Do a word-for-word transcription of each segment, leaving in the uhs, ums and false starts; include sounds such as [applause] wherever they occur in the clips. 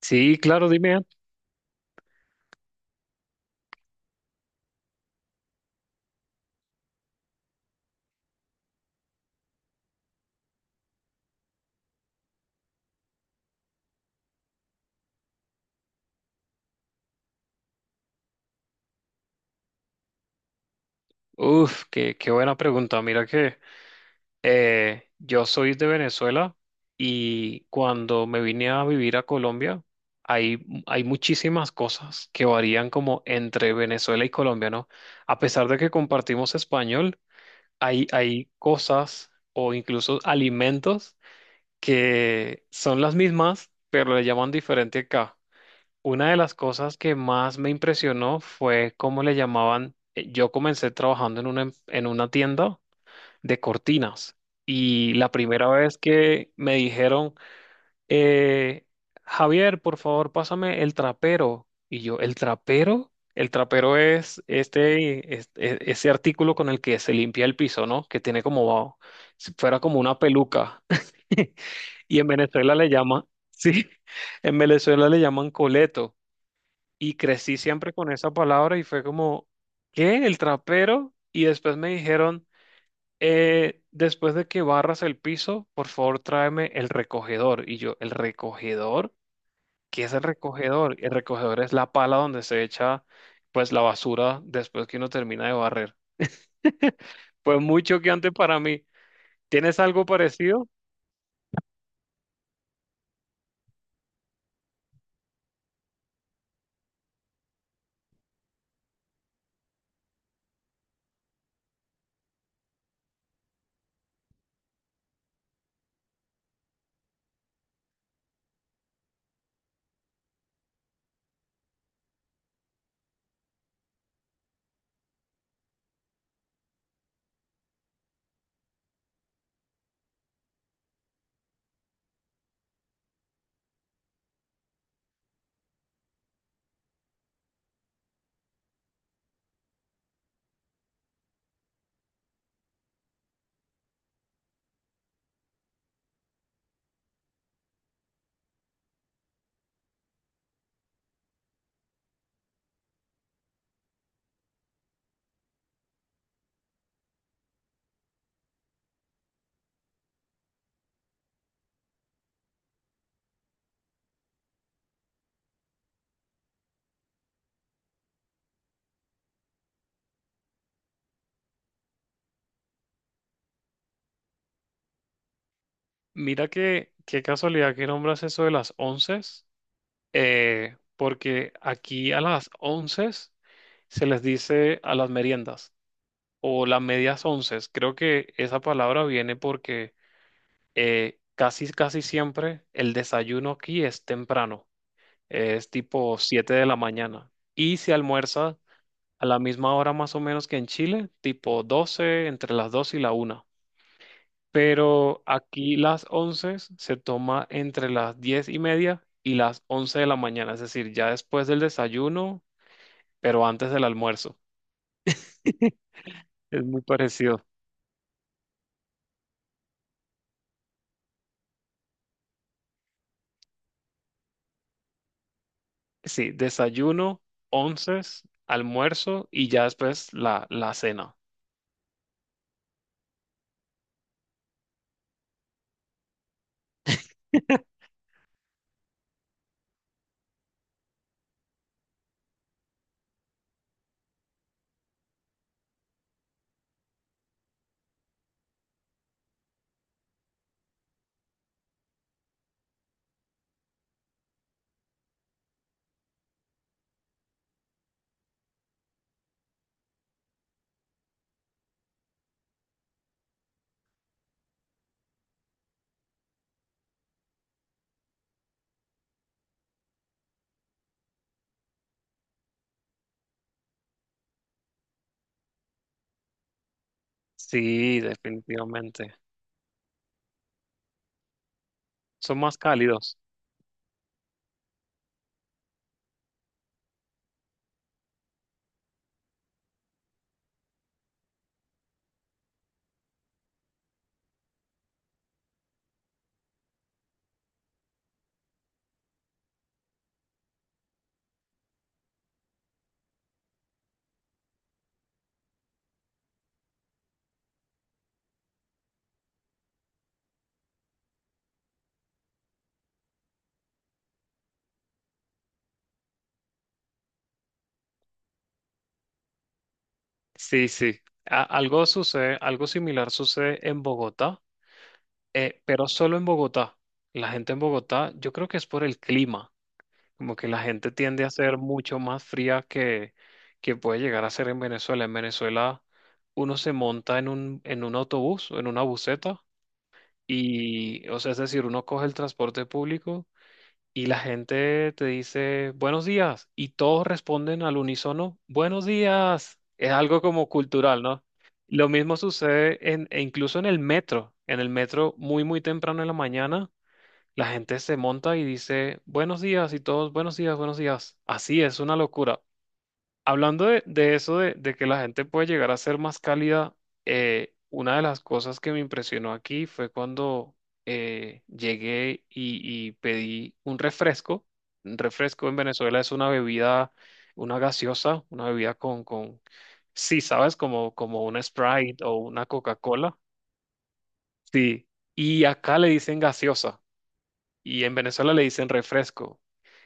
Sí, claro, dime. Uf, qué, qué buena pregunta. Mira que eh, yo soy de Venezuela y cuando me vine a vivir a Colombia, hay, hay muchísimas cosas que varían como entre Venezuela y Colombia, ¿no? A pesar de que compartimos español, hay, hay cosas o incluso alimentos que son las mismas, pero le llaman diferente acá. Una de las cosas que más me impresionó fue cómo le llamaban. eh, Yo comencé trabajando en una, em- en una tienda de cortinas y la primera vez que me dijeron, eh, Javier, por favor, pásame el trapero. Y yo, ¿el trapero? El trapero es este, es- e- ese artículo con el que se limpia el piso, ¿no? Que tiene como, si fuera como una peluca. [laughs] Y en Venezuela le llaman, [laughs] sí, en Venezuela le llaman coleto. Y crecí siempre con esa palabra y fue como, ¿qué? ¿El trapero? Y después me dijeron, eh, después de que barras el piso, por favor tráeme el recogedor. Y yo, ¿el recogedor? ¿Qué es el recogedor? El recogedor es la pala donde se echa pues la basura después que uno termina de barrer. [laughs] Fue muy choqueante para mí. ¿Tienes algo parecido? Mira que, qué casualidad que nombras eso de las once. Eh, porque aquí a las once se les dice a las meriendas o las medias once. Creo que esa palabra viene porque eh, casi, casi siempre el desayuno aquí es temprano, es tipo siete de la mañana y se almuerza a la misma hora más o menos que en Chile, tipo doce entre las dos y la una. Pero aquí las once se toma entre las diez y media y las once de la mañana, es decir, ya después del desayuno pero antes del almuerzo. [laughs] Es muy parecido. Sí, desayuno, onces, almuerzo y ya después la, la cena. Sí, definitivamente. Son más cálidos. Sí, sí. A- algo sucede, algo similar sucede en Bogotá, eh, pero solo en Bogotá. La gente en Bogotá, yo creo que es por el clima, como que la gente tiende a ser mucho más fría que, que puede llegar a ser en Venezuela. En Venezuela uno se monta en un, en un autobús o en una buseta. Y, o sea, es decir, uno coge el transporte público y la gente te dice buenos días y todos responden al unísono buenos días. Es algo como cultural, ¿no? Lo mismo sucede en, e incluso en el metro. En el metro, muy, muy temprano en la mañana, la gente se monta y dice buenos días y todos buenos días, buenos días. Así es una locura. Hablando de, de eso, de, de que la gente puede llegar a ser más cálida, eh, una de las cosas que me impresionó aquí fue cuando eh, llegué y, y pedí un refresco. Un refresco en Venezuela es una bebida, una gaseosa, una bebida con, con, sí, sabes, como, como una Sprite o una Coca-Cola. Sí. Y acá le dicen gaseosa y en Venezuela le dicen refresco.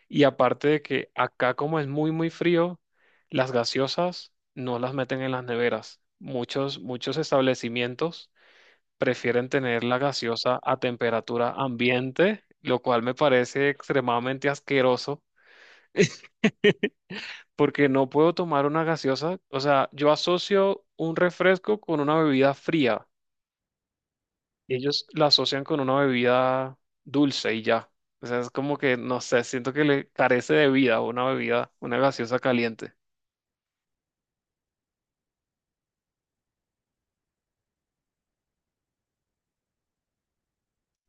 Y aparte de que acá como es muy, muy frío, las gaseosas no las meten en las neveras. Muchos, muchos establecimientos prefieren tener la gaseosa a temperatura ambiente, lo cual me parece extremadamente asqueroso, porque no puedo tomar una gaseosa. O sea, yo asocio un refresco con una bebida fría. y Ellos la asocian con una bebida dulce y ya. O sea, es como que, no sé, siento que le carece de vida una bebida, una gaseosa caliente.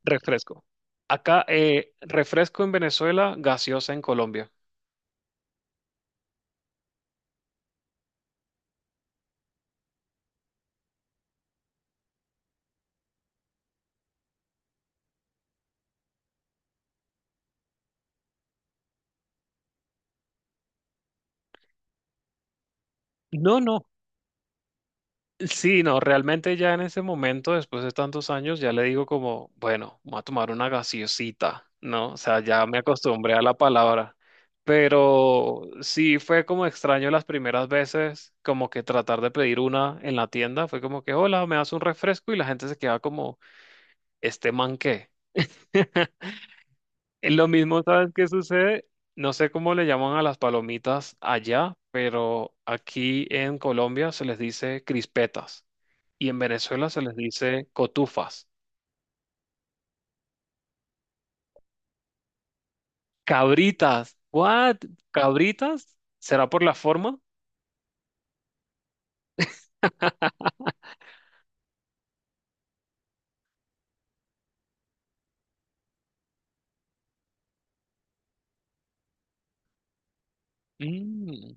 Refresco. Acá, eh, refresco en Venezuela, gaseosa en Colombia. No, no. Sí, no, realmente ya en ese momento, después de tantos años, ya le digo como, bueno, voy a tomar una gaseosita, ¿no? O sea, ya me acostumbré a la palabra. Pero sí fue como extraño las primeras veces, como que tratar de pedir una en la tienda, fue como que, hola, me das un refresco y la gente se queda como, ¿este man qué? [laughs] Eh, Lo mismo, ¿sabes qué sucede? No sé cómo le llaman a las palomitas allá, pero aquí en Colombia se les dice crispetas y en Venezuela se les dice cotufas. Cabritas, ¿what? ¿Cabritas? ¿Será por la forma? Mm.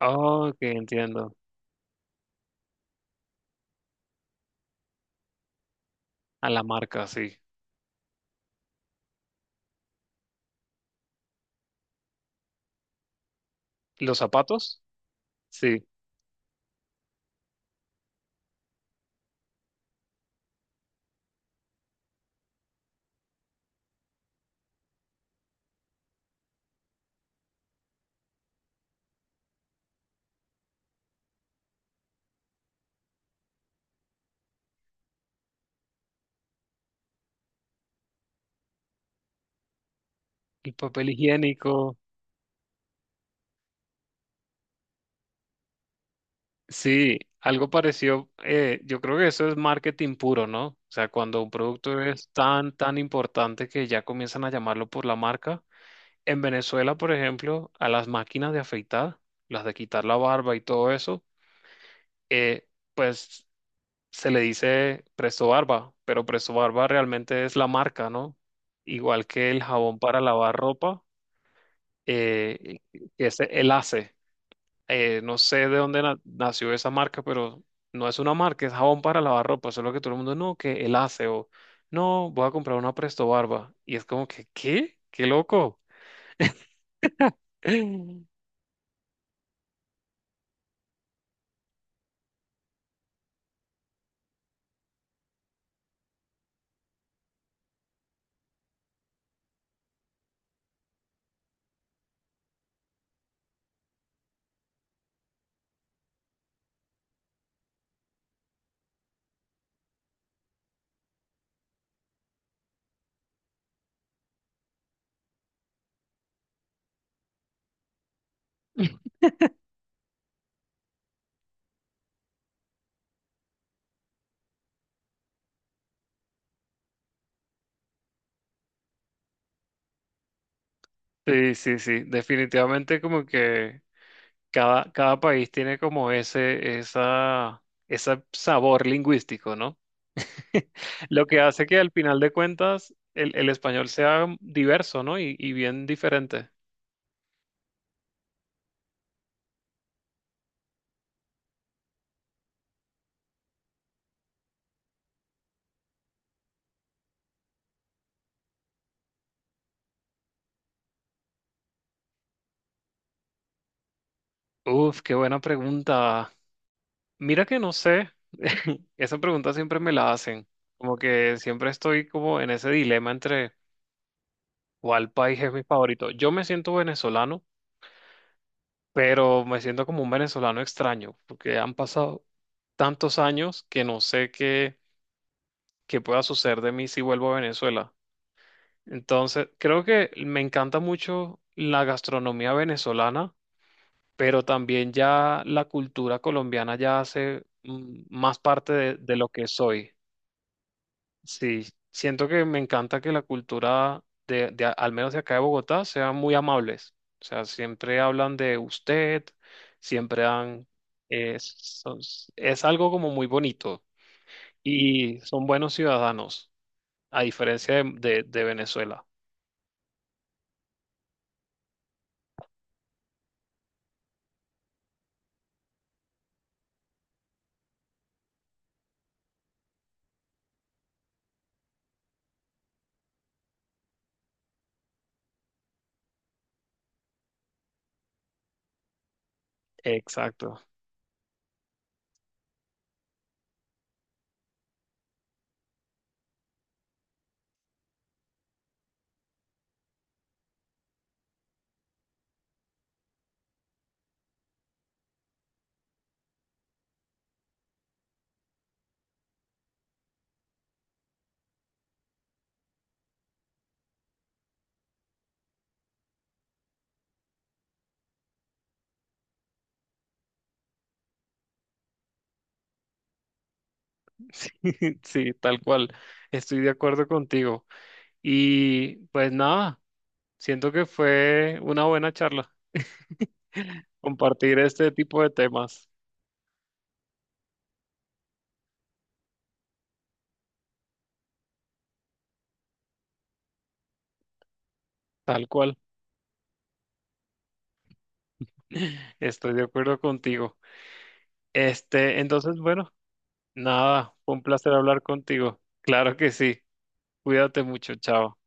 Oh, que entiendo. A la marca, sí. ¿Los zapatos? Sí. El papel higiénico. Sí, algo parecido, eh, yo creo que eso es marketing puro, ¿no? O sea, cuando un producto es tan, tan importante que ya comienzan a llamarlo por la marca. En Venezuela, por ejemplo, a las máquinas de afeitar, las de quitar la barba y todo eso, eh, pues se le dice Presto Barba, pero Presto Barba realmente es la marca, ¿no? Igual que el jabón para lavar ropa, eh, que es el A C E. Eh, no sé de dónde na- nació esa marca, pero no es una marca, es jabón para lavar ropa, solo que todo el mundo, no, que el hace o no, voy a comprar una Presto Barba. Y es como que, ¿qué? ¡Qué loco! [laughs] Sí, sí, sí, definitivamente como que cada, cada país tiene como ese, esa, ese sabor lingüístico, ¿no? [laughs] Lo que hace que al final de cuentas el, el español sea diverso, ¿no? Y, y bien diferente. Uf, qué buena pregunta. Mira que no sé, [laughs] esa pregunta siempre me la hacen, como que siempre estoy como en ese dilema entre cuál país es mi favorito. Yo me siento venezolano, pero me siento como un venezolano extraño, porque han pasado tantos años que no sé qué, qué pueda suceder de mí si vuelvo a Venezuela. Entonces, creo que me encanta mucho la gastronomía venezolana, pero también ya la cultura colombiana ya hace mm, más parte de de lo que soy. Sí, siento que me encanta que la cultura de, de a- al menos de acá de Bogotá, sean muy amables. O sea, siempre hablan de usted, siempre dan, es, son- es algo como muy bonito y son buenos ciudadanos, a diferencia de, de- de Venezuela. Exacto. [laughs] Sí, sí, tal cual. Estoy de acuerdo contigo. Y pues nada, siento que fue una buena charla compartir este tipo de temas, tal cual. Estoy de acuerdo contigo. Este, entonces, bueno, nada, fue un placer hablar contigo. Claro que sí. Cuídate mucho, chao.